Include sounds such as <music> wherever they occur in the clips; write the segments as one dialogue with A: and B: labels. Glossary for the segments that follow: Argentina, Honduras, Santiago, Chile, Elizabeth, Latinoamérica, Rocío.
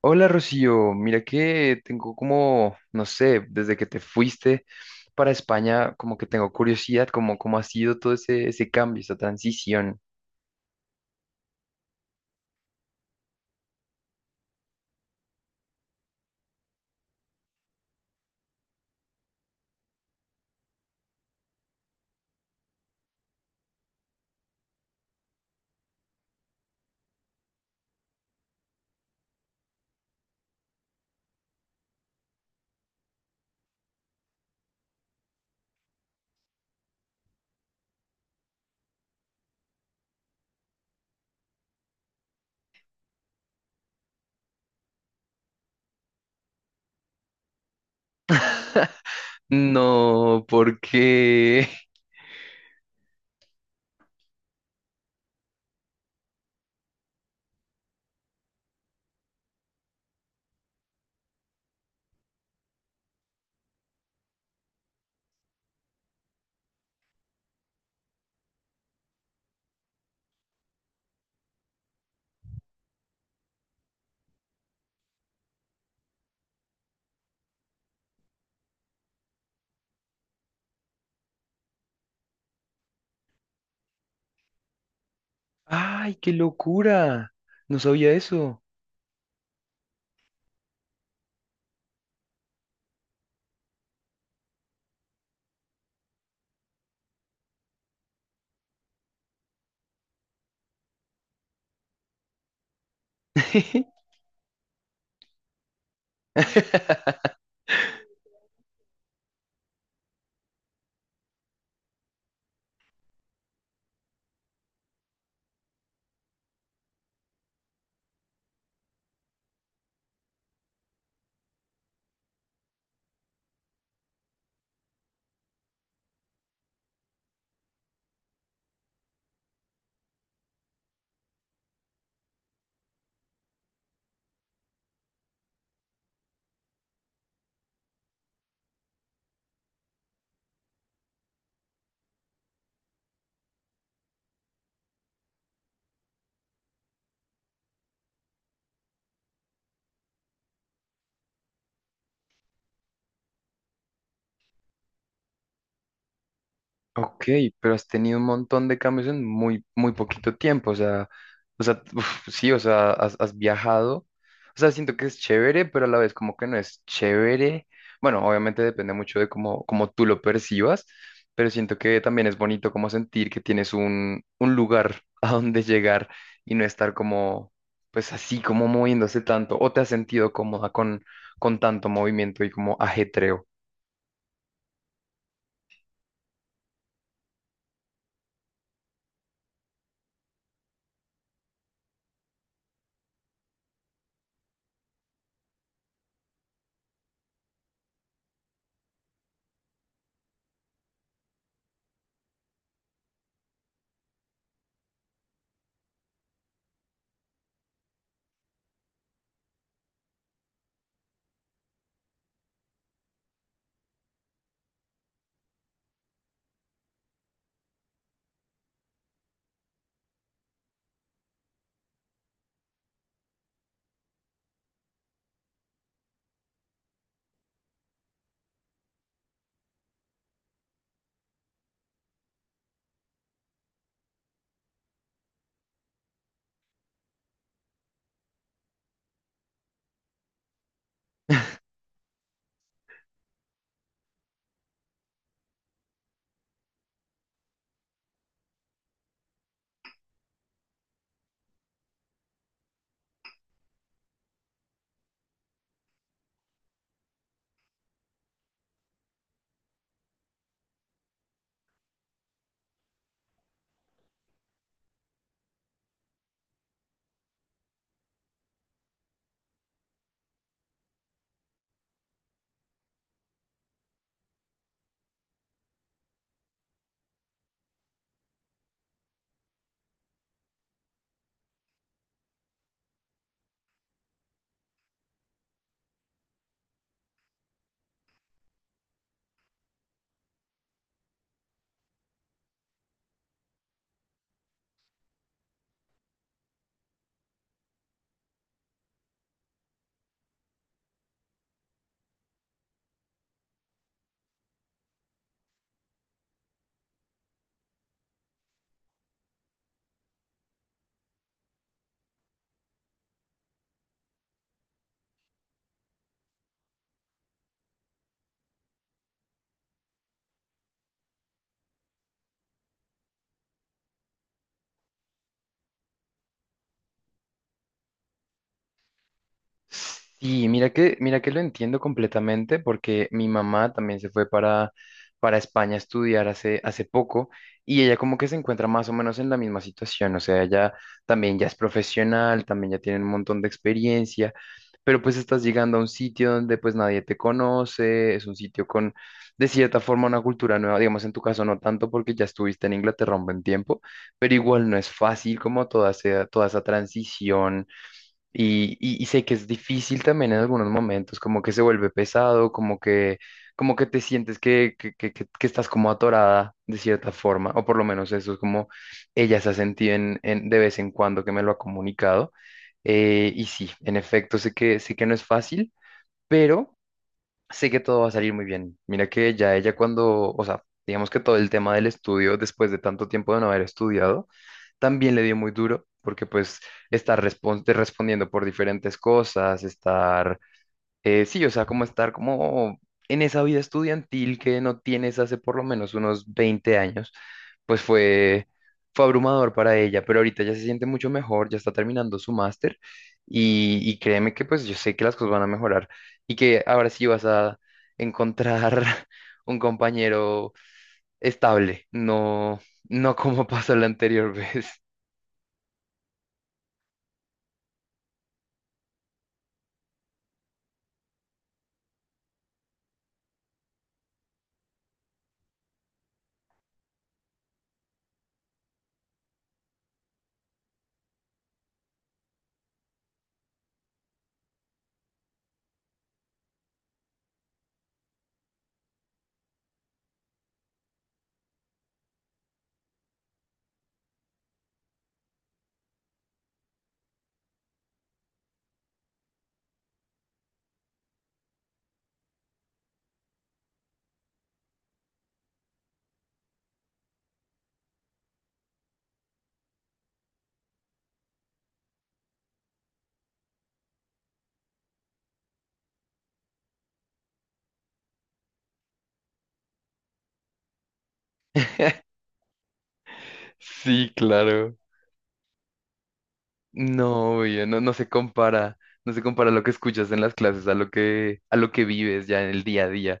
A: Hola Rocío, mira que tengo como, no sé, desde que te fuiste para España, como que tengo curiosidad, como cómo ha sido todo ese cambio, esa transición. <laughs> No, ¿por qué? <laughs> ¡Ay, qué locura! No sabía eso. <laughs> Ok, pero has tenido un montón de cambios en muy poquito tiempo, o sea, <laughs> uf, sí, o sea, has viajado, o sea, siento que es chévere, pero a la vez como que no es chévere. Bueno, obviamente depende mucho de cómo tú lo percibas, pero siento que también es bonito como sentir que tienes un lugar <laughs> a donde llegar y no estar como, pues así, como moviéndose tanto, o te has sentido cómoda con tanto movimiento y como ajetreo. Sí, mira que lo entiendo completamente porque mi mamá también se fue para España a estudiar hace poco y ella como que se encuentra más o menos en la misma situación, o sea, ella también ya es profesional, también ya tiene un montón de experiencia, pero pues estás llegando a un sitio donde pues nadie te conoce, es un sitio con de cierta forma una cultura nueva, digamos en tu caso no tanto porque ya estuviste en Inglaterra un buen tiempo, pero igual no es fácil como toda esa transición y sé que es difícil también en algunos momentos, como que se vuelve pesado, como que te sientes que estás como atorada de cierta forma, o por lo menos eso es como ella se ha sentido de vez en cuando que me lo ha comunicado. Y sí, en efecto, sé que no es fácil, pero sé que todo va a salir muy bien. Mira que ya ella cuando, o sea, digamos que todo el tema del estudio, después de tanto tiempo de no haber estudiado, también le dio muy duro, porque pues te respondiendo por diferentes cosas, estar, sí, o sea, como estar como en esa vida estudiantil que no tienes hace por lo menos unos 20 años, pues fue, fue abrumador para ella, pero ahorita ya se siente mucho mejor, ya está terminando su máster y créeme que pues yo sé que las cosas van a mejorar y que ahora sí vas a encontrar <laughs> un compañero estable, no, no como <laughs> pasó la anterior vez. <laughs> Sí, claro. No, oye, no, no se compara, no se compara lo que escuchas en las clases a lo que vives ya en el día a día.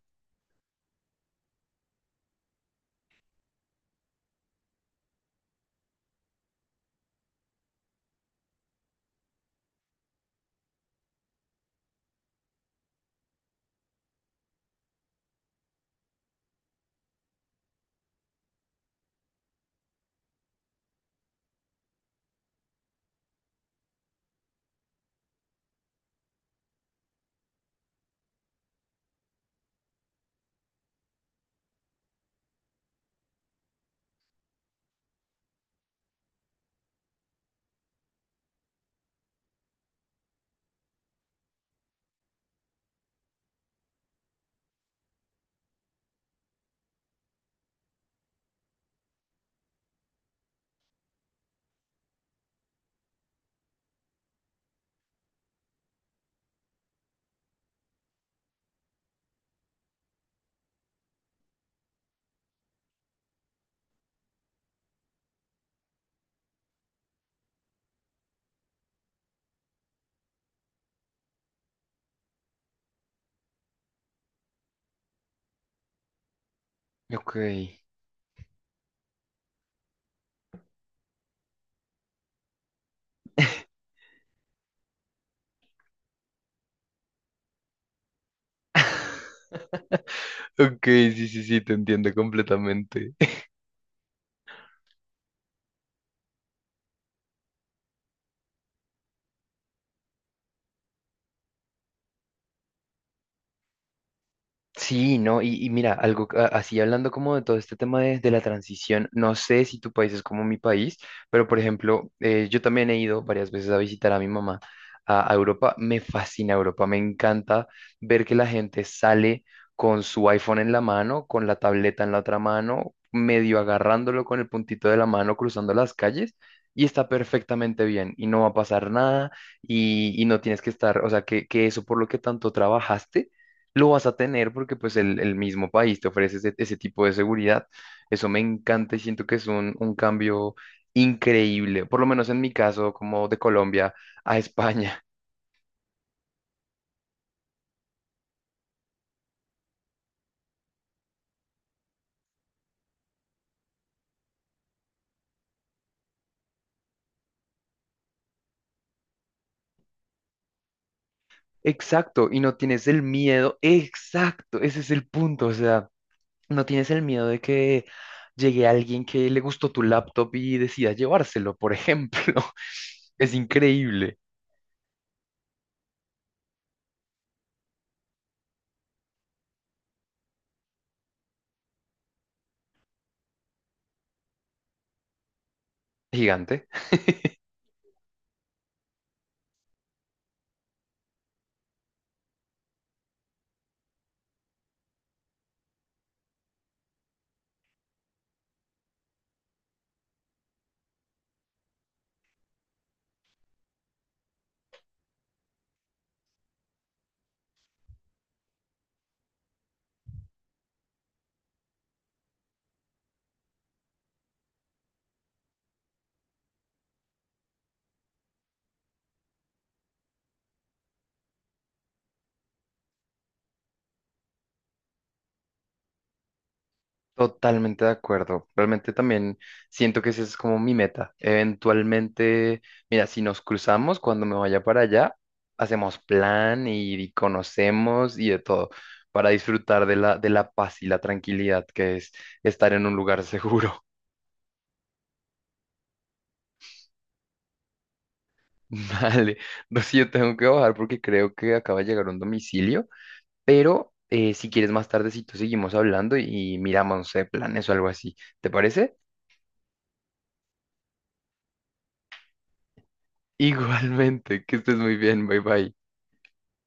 A: Ok. Ok, sí, sí, sí, te entiendo completamente. Sí, no, y mira, algo así hablando como de todo este tema de la transición, no sé si tu país es como mi país, pero por ejemplo, yo también he ido varias veces a visitar a mi mamá a Europa, me fascina Europa, me encanta ver que la gente sale con su iPhone en la mano, con la tableta en la otra mano, medio agarrándolo con el puntito de la mano, cruzando las calles. Y está perfectamente bien y no va a pasar nada y no tienes que estar, o sea, que eso por lo que tanto trabajaste lo vas a tener porque pues el mismo país te ofrece ese tipo de seguridad. Eso me encanta y siento que es un cambio increíble, por lo menos en mi caso, como de Colombia a <laughs> España. Exacto, y no tienes el miedo, exacto, ese es el punto, o sea, no tienes el miedo de que llegue alguien que le gustó tu laptop y decida llevárselo, por ejemplo. <laughs> Es increíble. Gigante. Totalmente de acuerdo. Realmente también siento que esa es como mi meta. Eventualmente, mira, si nos cruzamos cuando me vaya para allá, hacemos plan y conocemos y de todo para disfrutar de la paz y la tranquilidad que es estar en un lugar seguro. <laughs> Vale, no sé, yo tengo que bajar porque creo que acaba de llegar un domicilio, pero si quieres más tardecito seguimos hablando y miramos, no sé, planes o algo así. ¿Te parece? <laughs> Igualmente, que estés muy bien, bye bye.